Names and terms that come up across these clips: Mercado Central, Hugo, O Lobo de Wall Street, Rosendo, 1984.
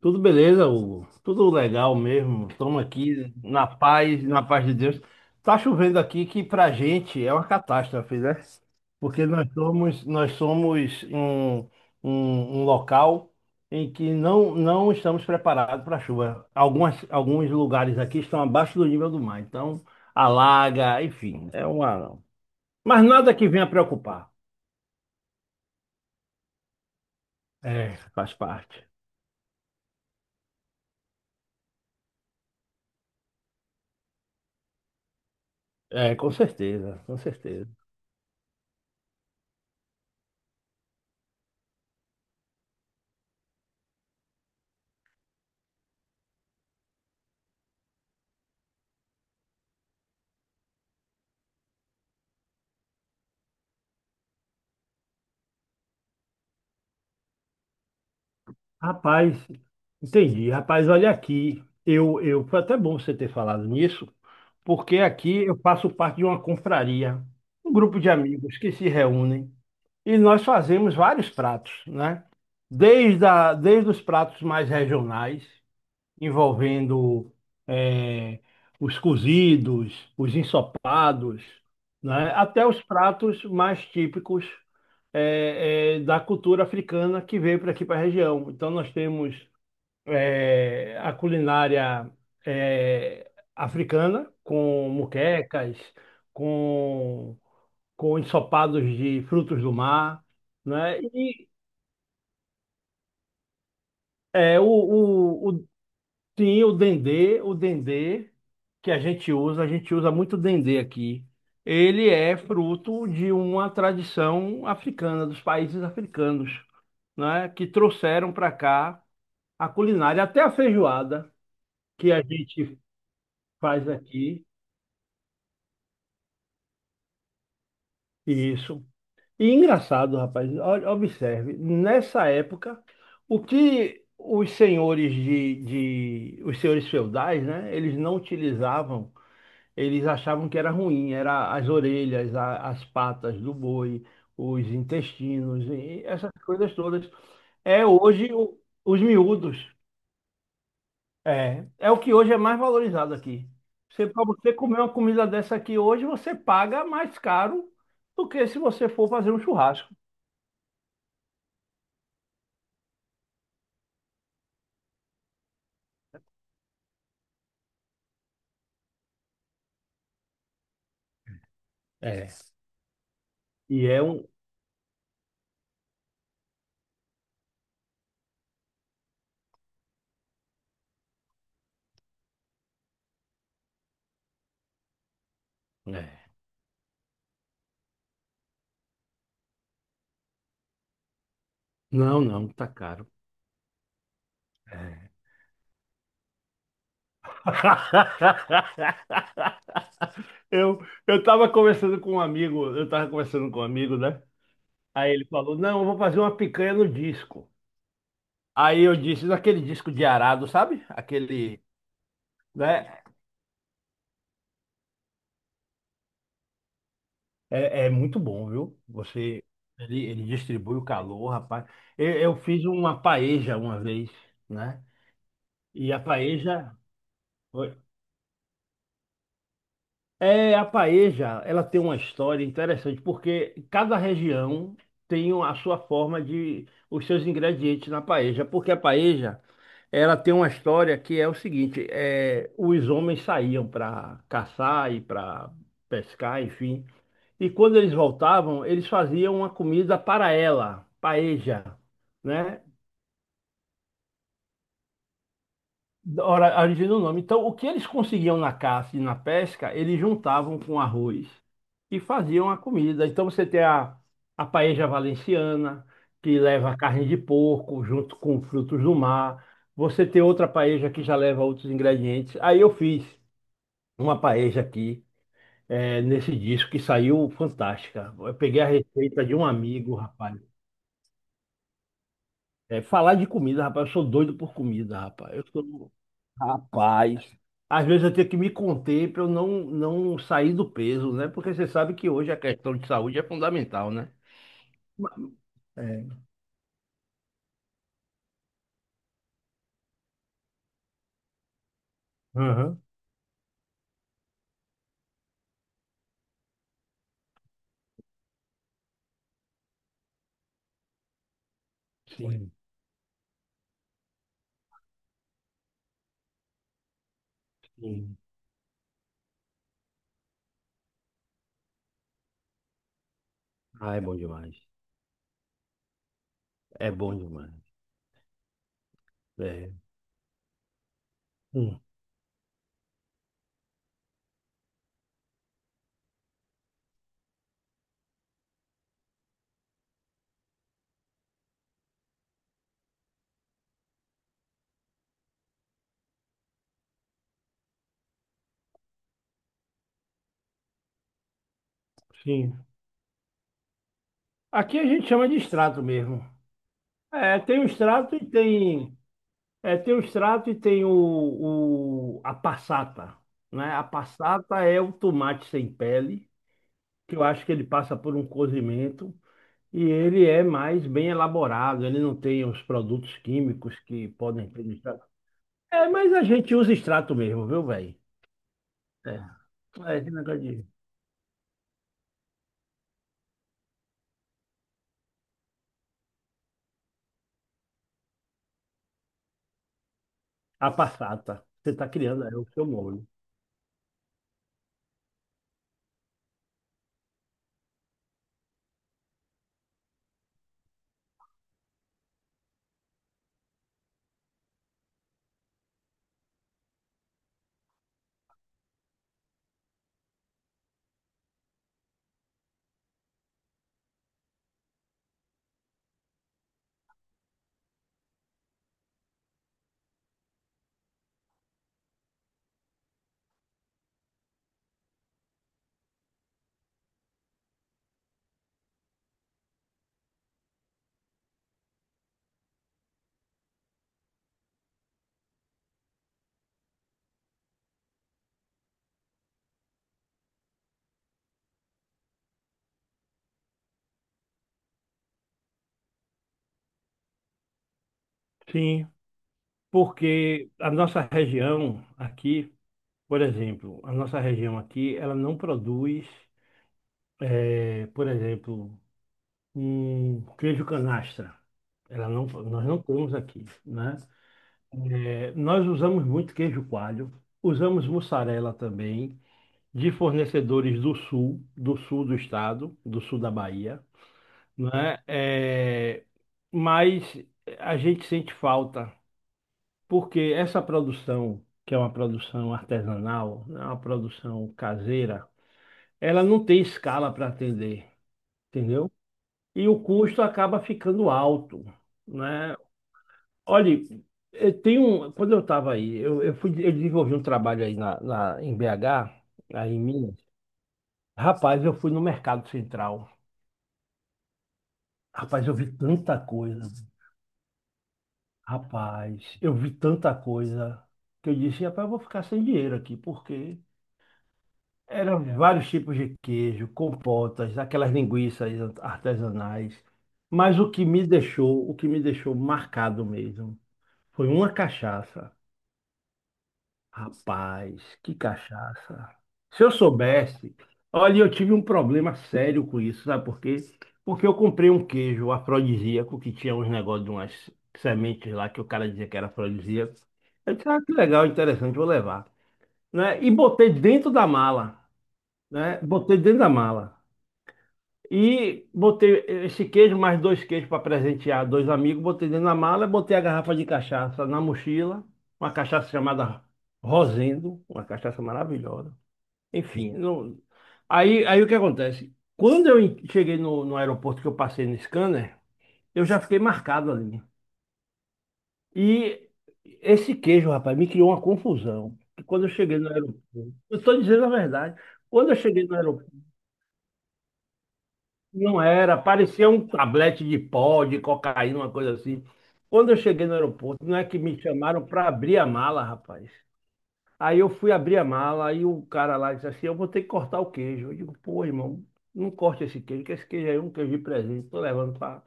Tudo beleza, Hugo? Tudo legal mesmo. Estamos aqui na paz de Deus. Tá chovendo aqui que pra gente é uma catástrofe, né? Porque nós somos um, um local em que não estamos preparados para chuva. Alguns lugares aqui estão abaixo do nível do mar, então alaga, enfim, é uma. Mas nada que venha preocupar. É, faz parte. É, com certeza, com certeza. Rapaz, entendi. Rapaz, olha aqui, eu foi até bom você ter falado nisso, porque aqui eu faço parte de uma confraria, um grupo de amigos que se reúnem e nós fazemos vários pratos, né? Desde os pratos mais regionais envolvendo eh, os cozidos, os ensopados, né? Até os pratos mais típicos da cultura africana que veio para aqui para a região. Então nós temos a culinária eh, africana com muquecas, com, com ensopados de frutos do mar, né? E eh, o, o, sim, o dendê que a gente usa muito dendê aqui. Ele é fruto de uma tradição africana, dos países africanos, né, que trouxeram para cá a culinária, até a feijoada que a gente faz aqui, isso. E engraçado, rapaz, olha, observe, nessa época, o que os senhores os senhores feudais, né, eles não utilizavam, eles achavam que era ruim, era as orelhas, as patas do boi, os intestinos, e essas coisas todas. É hoje os miúdos. É, é o que hoje é mais valorizado aqui. Você, para você comer uma comida dessa aqui hoje, você paga mais caro do que se você for fazer um churrasco. É. E é um. É. Não, não, tá caro. É. Eu, eu tava conversando com um amigo, né? Aí ele falou, não, eu vou fazer uma picanha no disco. Aí eu disse, naquele disco de arado, sabe? Aquele, né? É, é muito bom, viu? Você, ele distribui o calor, rapaz. Eu fiz uma paeja uma vez, né? E a paeja, é, a paeja, ela tem uma história interessante, porque cada região tem a sua forma de, os seus ingredientes na paeja, porque a paeja, ela tem uma história que é o seguinte, é, os homens saíam para caçar e para pescar, enfim, e quando eles voltavam, eles faziam uma comida para ela, paeja, né? A origem do nome. Então, o que eles conseguiam na caça e na pesca, eles juntavam com arroz e faziam a comida. Então, você tem a paella valenciana, que leva carne de porco junto com frutos do mar. Você tem outra paella que já leva outros ingredientes. Aí eu fiz uma paella aqui, nesse disco, que saiu fantástica. Eu peguei a receita de um amigo, rapaz. Falar de comida, rapaz, eu sou doido por comida, rapaz. Eu sou. Rapaz, às vezes eu tenho que me conter para eu não sair do peso, né? Porque você sabe que hoje a questão de saúde é fundamental, né? Ma- É. Aham, sim, sim. Ah, é bom demais. É bom demais. É. Hum, sim. Aqui a gente chama de extrato mesmo. É, tem o extrato e tem. É, tem o extrato e tem o, a passata, né? A passata é o tomate sem pele, que eu acho que ele passa por um cozimento. E ele é mais bem elaborado, ele não tem os produtos químicos que podem ter no extrato. É, mas a gente usa extrato mesmo, viu, velho? É, é esse negócio de a passata. Você está criando aí o seu molho. Sim, porque a nossa região aqui, por exemplo, a nossa região aqui, ela não produz, é, por exemplo, um queijo canastra. Ela não, nós não temos aqui, né? É, nós usamos muito queijo coalho, usamos mussarela também, de fornecedores do sul, do sul do estado, do sul da Bahia, né? Mas a gente sente falta, porque essa produção, que é uma produção artesanal, né, uma produção caseira, ela não tem escala para atender, entendeu? E o custo acaba ficando alto, né? Olhe, eu tenho, quando eu estava aí, eu desenvolvi um trabalho aí na, em BH, aí em Minas. Rapaz, eu fui no Mercado Central. Rapaz, eu vi tanta coisa. Rapaz, eu vi tanta coisa que eu disse, rapaz, eu vou ficar sem dinheiro aqui, porque eram vários tipos de queijo, compotas, aquelas linguiças artesanais. O que me deixou marcado mesmo, foi uma cachaça. Rapaz, que cachaça. Se eu soubesse, olha, eu tive um problema sério com isso, sabe por quê? Porque eu comprei um queijo afrodisíaco que tinha uns negócios de umas sementes lá que o cara dizia que era afrodisíaco. Eu disse, ah, que legal, interessante, vou levar, né? E botei dentro da mala, né? Botei dentro da mala. E botei esse queijo, mais dois queijos para presentear dois amigos. Botei dentro da mala, botei a garrafa de cachaça na mochila. Uma cachaça chamada Rosendo, uma cachaça maravilhosa. Enfim, aí o que acontece? Quando eu cheguei no aeroporto que eu passei no scanner, eu já fiquei marcado ali. E esse queijo, rapaz, me criou uma confusão. Quando eu cheguei no aeroporto, eu estou dizendo a verdade. Quando eu cheguei no aeroporto, não era, parecia um tablete de pó, de cocaína, uma coisa assim. Quando eu cheguei no aeroporto, não é que me chamaram para abrir a mala, rapaz. Aí eu fui abrir a mala, aí o cara lá disse assim: eu vou ter que cortar o queijo. Eu digo: pô, irmão, não corte esse queijo, que esse queijo aí é um queijo de presente. Tô levando para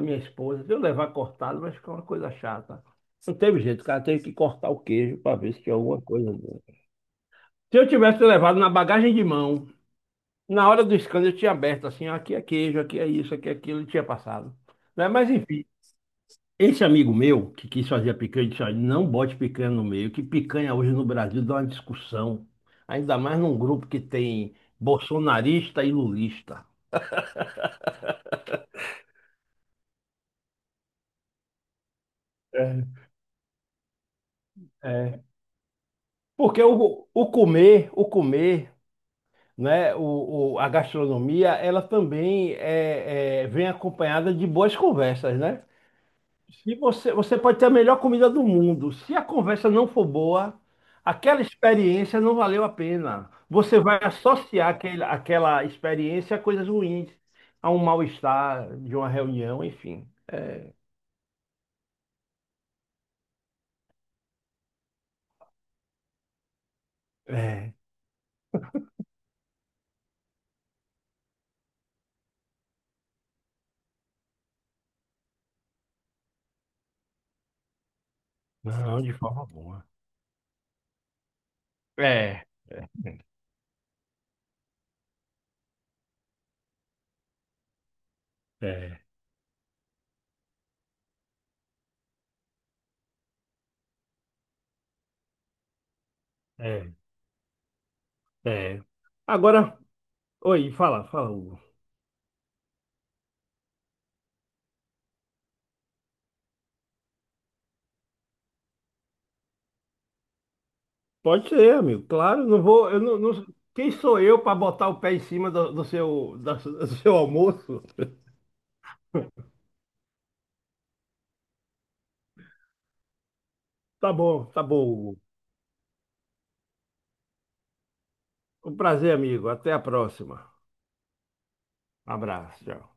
minha esposa. Se eu levar cortado, vai ficar uma coisa chata. Não teve jeito, o cara teve que cortar o queijo para ver se tinha alguma coisa dentro. Se eu tivesse levado na bagagem de mão, na hora do escândalo eu tinha aberto assim, ó, aqui é queijo, aqui é isso, aqui é aquilo, e tinha passado. Né? Mas enfim, esse amigo meu que quis fazer a picanha, disse, olha, não bote picanha no meio, que picanha hoje no Brasil dá uma discussão. Ainda mais num grupo que tem bolsonarista e lulista. É, é. Porque o comer, né, a gastronomia, ela também é, é, vem acompanhada de boas conversas, né? Se você, você pode ter a melhor comida do mundo. Se a conversa não for boa, aquela experiência não valeu a pena. Você vai associar aquela experiência a coisas ruins, a um mal-estar de uma reunião, enfim. É, é, não, de forma boa. É, é, é, é. Agora, oi, fala, Hugo. Pode ser, amigo, claro, não vou, eu não, não- quem sou eu para botar o pé em cima do, do seu, do seu almoço? Tá bom, Hugo. Um prazer, amigo. Até a próxima. Abraço, tchau.